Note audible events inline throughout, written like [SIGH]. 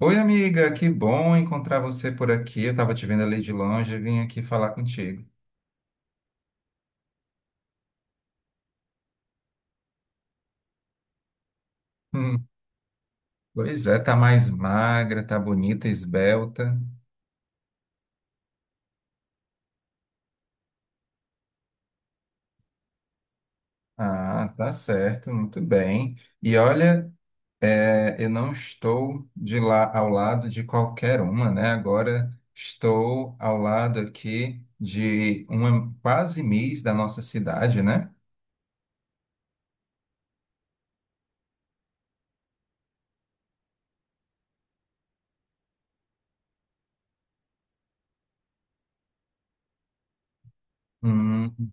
Oi, amiga, que bom encontrar você por aqui. Eu estava te vendo ali de longe e vim aqui falar contigo. Hum, Pois é, tá mais magra, tá bonita, esbelta. Ah, tá certo, muito bem. E olha, eu não estou de lá ao lado de qualquer uma, né? Agora estou ao lado aqui de uma quase miss da nossa cidade, né? Hum.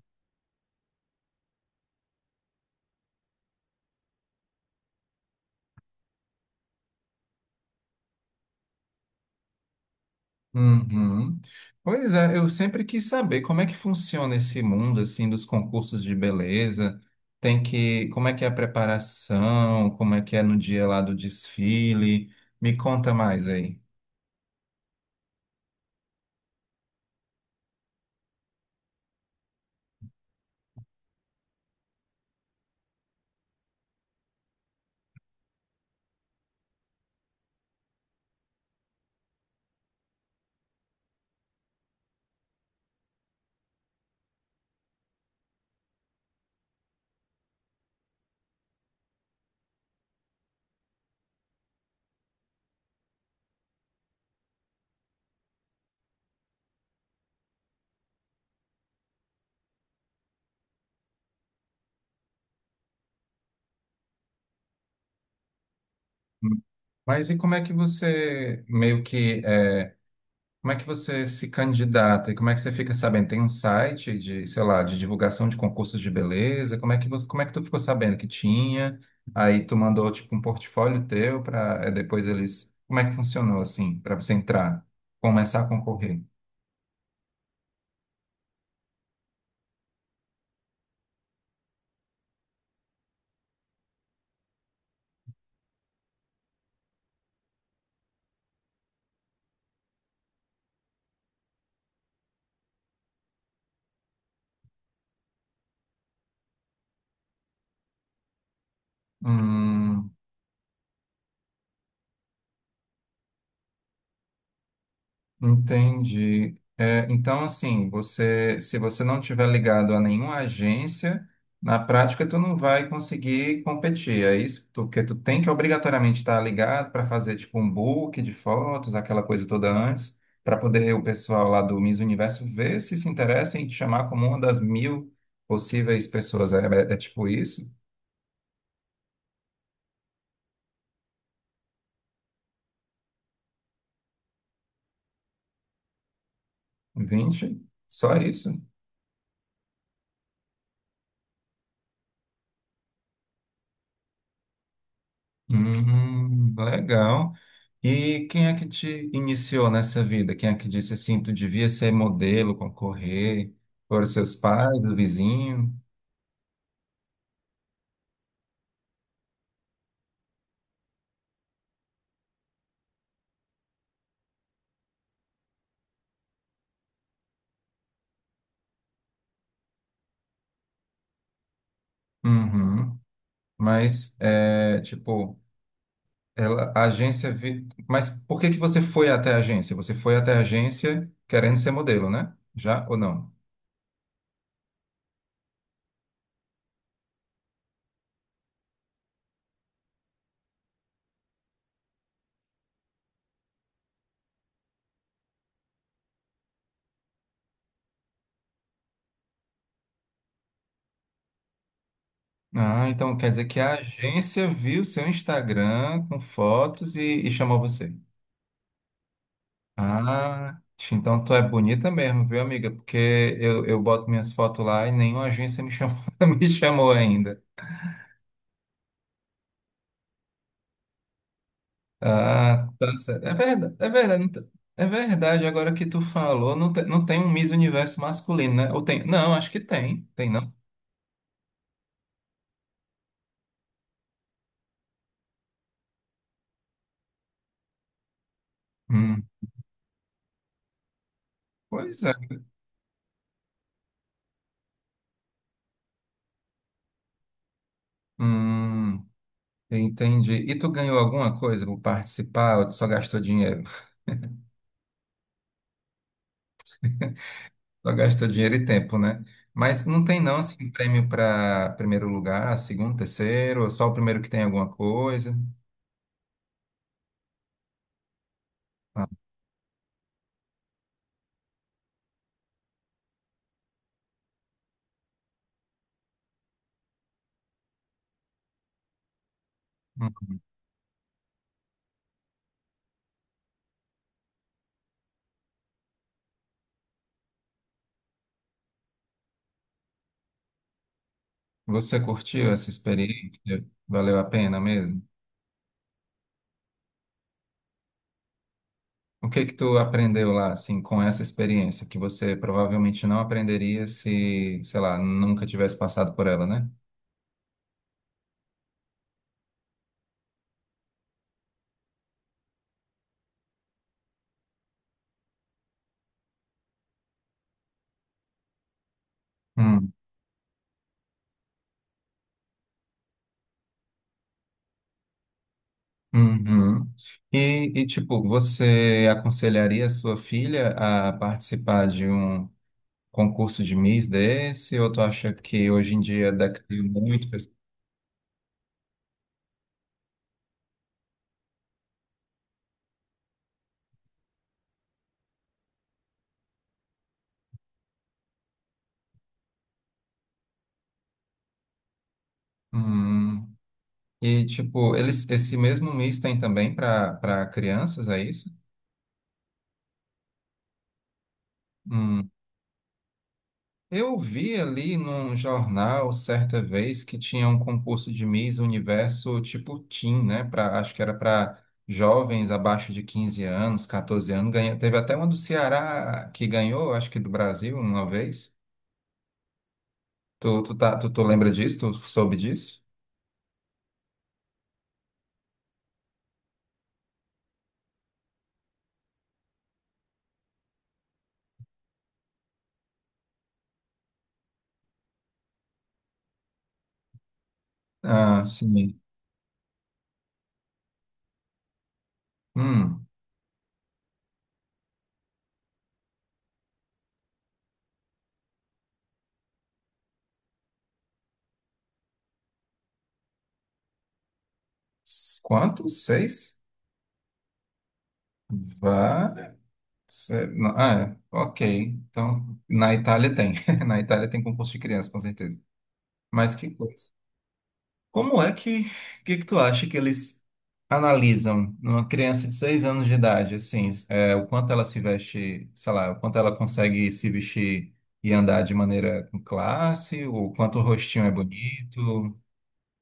Uhum. Pois é, eu sempre quis saber como é que funciona esse mundo assim dos concursos de beleza. Tem que, como é que é a preparação, como é que é no dia lá do desfile? Me conta mais aí. Hum, Mas e como é que você meio que é, como é que você se candidata e como é que você fica sabendo? Tem um site de, sei lá, de divulgação de concursos de beleza? Como é que você, como é que tu ficou sabendo que tinha? Aí tu mandou tipo um portfólio teu para depois eles. Como é que funcionou assim para você entrar, começar a concorrer? Hum. Entendi. É, então, assim, você, se você não tiver ligado a nenhuma agência, na prática tu não vai conseguir competir. É isso, porque tu tem que obrigatoriamente estar ligado para fazer tipo um book de fotos, aquela coisa toda antes, para poder o pessoal lá do Miss Universo ver se se interessa em te chamar como uma das mil possíveis pessoas. É, é tipo isso? Vinte, só isso? Legal. E quem é que te iniciou nessa vida? Quem é que disse assim, tu devia ser modelo, concorrer? Foram seus pais, o vizinho? Uhum. Mas, é, tipo, ela, a agência... Vi... Mas por que que você foi até a agência? Você foi até a agência querendo ser modelo, né? Já ou não? Ah, então quer dizer que a agência viu seu Instagram com fotos e chamou você. Ah, então tu é bonita mesmo, viu, amiga? Porque eu boto minhas fotos lá e nenhuma agência me chamou, [LAUGHS] me chamou ainda. Ah, tá certo. É verdade, é verdade. Não te- É verdade, agora que tu falou, não, não tem um Miss Universo masculino, né? Ou tem? Não, acho que tem. Tem, não? Hum. Pois é. Hum. Entendi. E tu ganhou alguma coisa por participar ou tu só gastou dinheiro? Só gasta dinheiro e tempo, né? Mas não tem não assim prêmio para primeiro lugar, segundo, terceiro, ou só o primeiro que tem alguma coisa. Ah. Hum. Você curtiu essa experiência? Valeu a pena mesmo? O que que tu aprendeu lá assim com essa experiência que você provavelmente não aprenderia se, sei lá, nunca tivesse passado por ela, né? Hum. Uhum. E, tipo, você aconselharia a sua filha a participar de um concurso de Miss desse, ou tu acha que hoje em dia decaiu muito? Hum. E, tipo, eles, esse mesmo Miss tem também para crianças, é isso? Hum. Eu vi ali num jornal certa vez que tinha um concurso de Miss Universo tipo Teen, né? Pra, acho que era para jovens abaixo de 15 anos, 14 anos. Ganha, teve até uma do Ceará que ganhou, acho que do Brasil, uma vez. Tá, tu lembra disso? Tu soube disso? Ah, sim. Hum. Quanto? Seis? Vá. Não, ah, é. Ok. Então, na Itália tem. [LAUGHS] Na Itália tem concurso de criança, com certeza. Mas que coisa. Como é que tu acha que eles analisam numa criança de 6 anos de idade, assim, é, o quanto ela se veste, sei lá, o quanto ela consegue se vestir e andar de maneira com classe, o quanto o rostinho é bonito,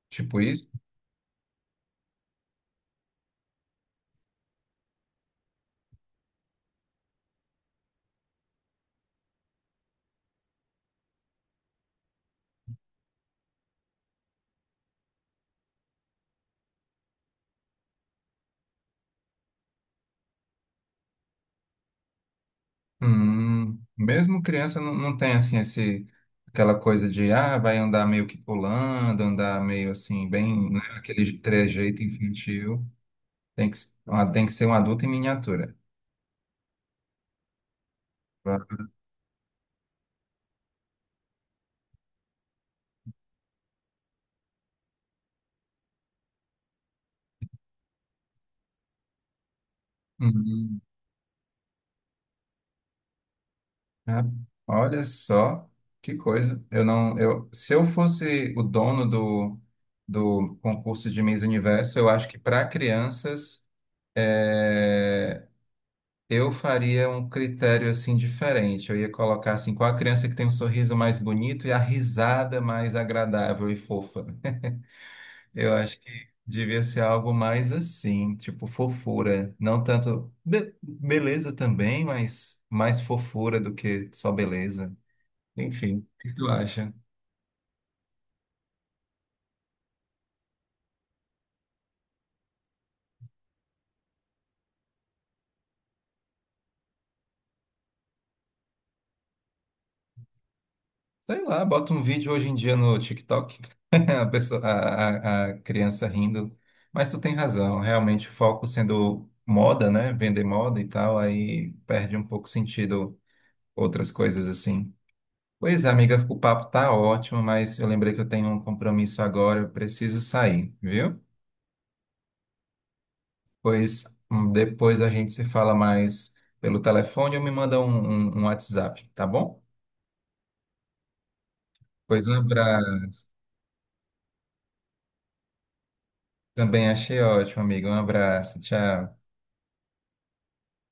tipo. Mesmo criança não, não tem assim esse aquela coisa de ah, vai andar meio que pulando, andar meio assim, bem, né, aquele trejeito infantil. Tem que ser um adulto em miniatura. [LAUGHS] Pra- Uhum. Ah, olha só que coisa. Eu não, eu, se eu fosse o dono do, do concurso de Miss Universo, eu acho que para crianças eh, eu faria um critério assim diferente. Eu ia colocar assim, qual a criança que tem um sorriso mais bonito e a risada mais agradável e fofa. [LAUGHS] Eu acho que devia ser algo mais assim, tipo fofura, não tanto beleza também, mas mais fofura do que só beleza. Enfim, o que tu acha? Sei lá, bota um vídeo hoje em dia no TikTok, [LAUGHS] a pessoa, a criança rindo. Mas tu tem razão, realmente o foco sendo moda, né? Vender moda e tal, aí perde um pouco sentido outras coisas assim. Pois é, amiga, o papo tá ótimo, mas eu lembrei que eu tenho um compromisso agora, eu preciso sair, viu? Pois depois a gente se fala mais pelo telefone ou me manda um WhatsApp, tá bom? Pois um abraço. Também achei ótimo, amigo. Um abraço, tchau.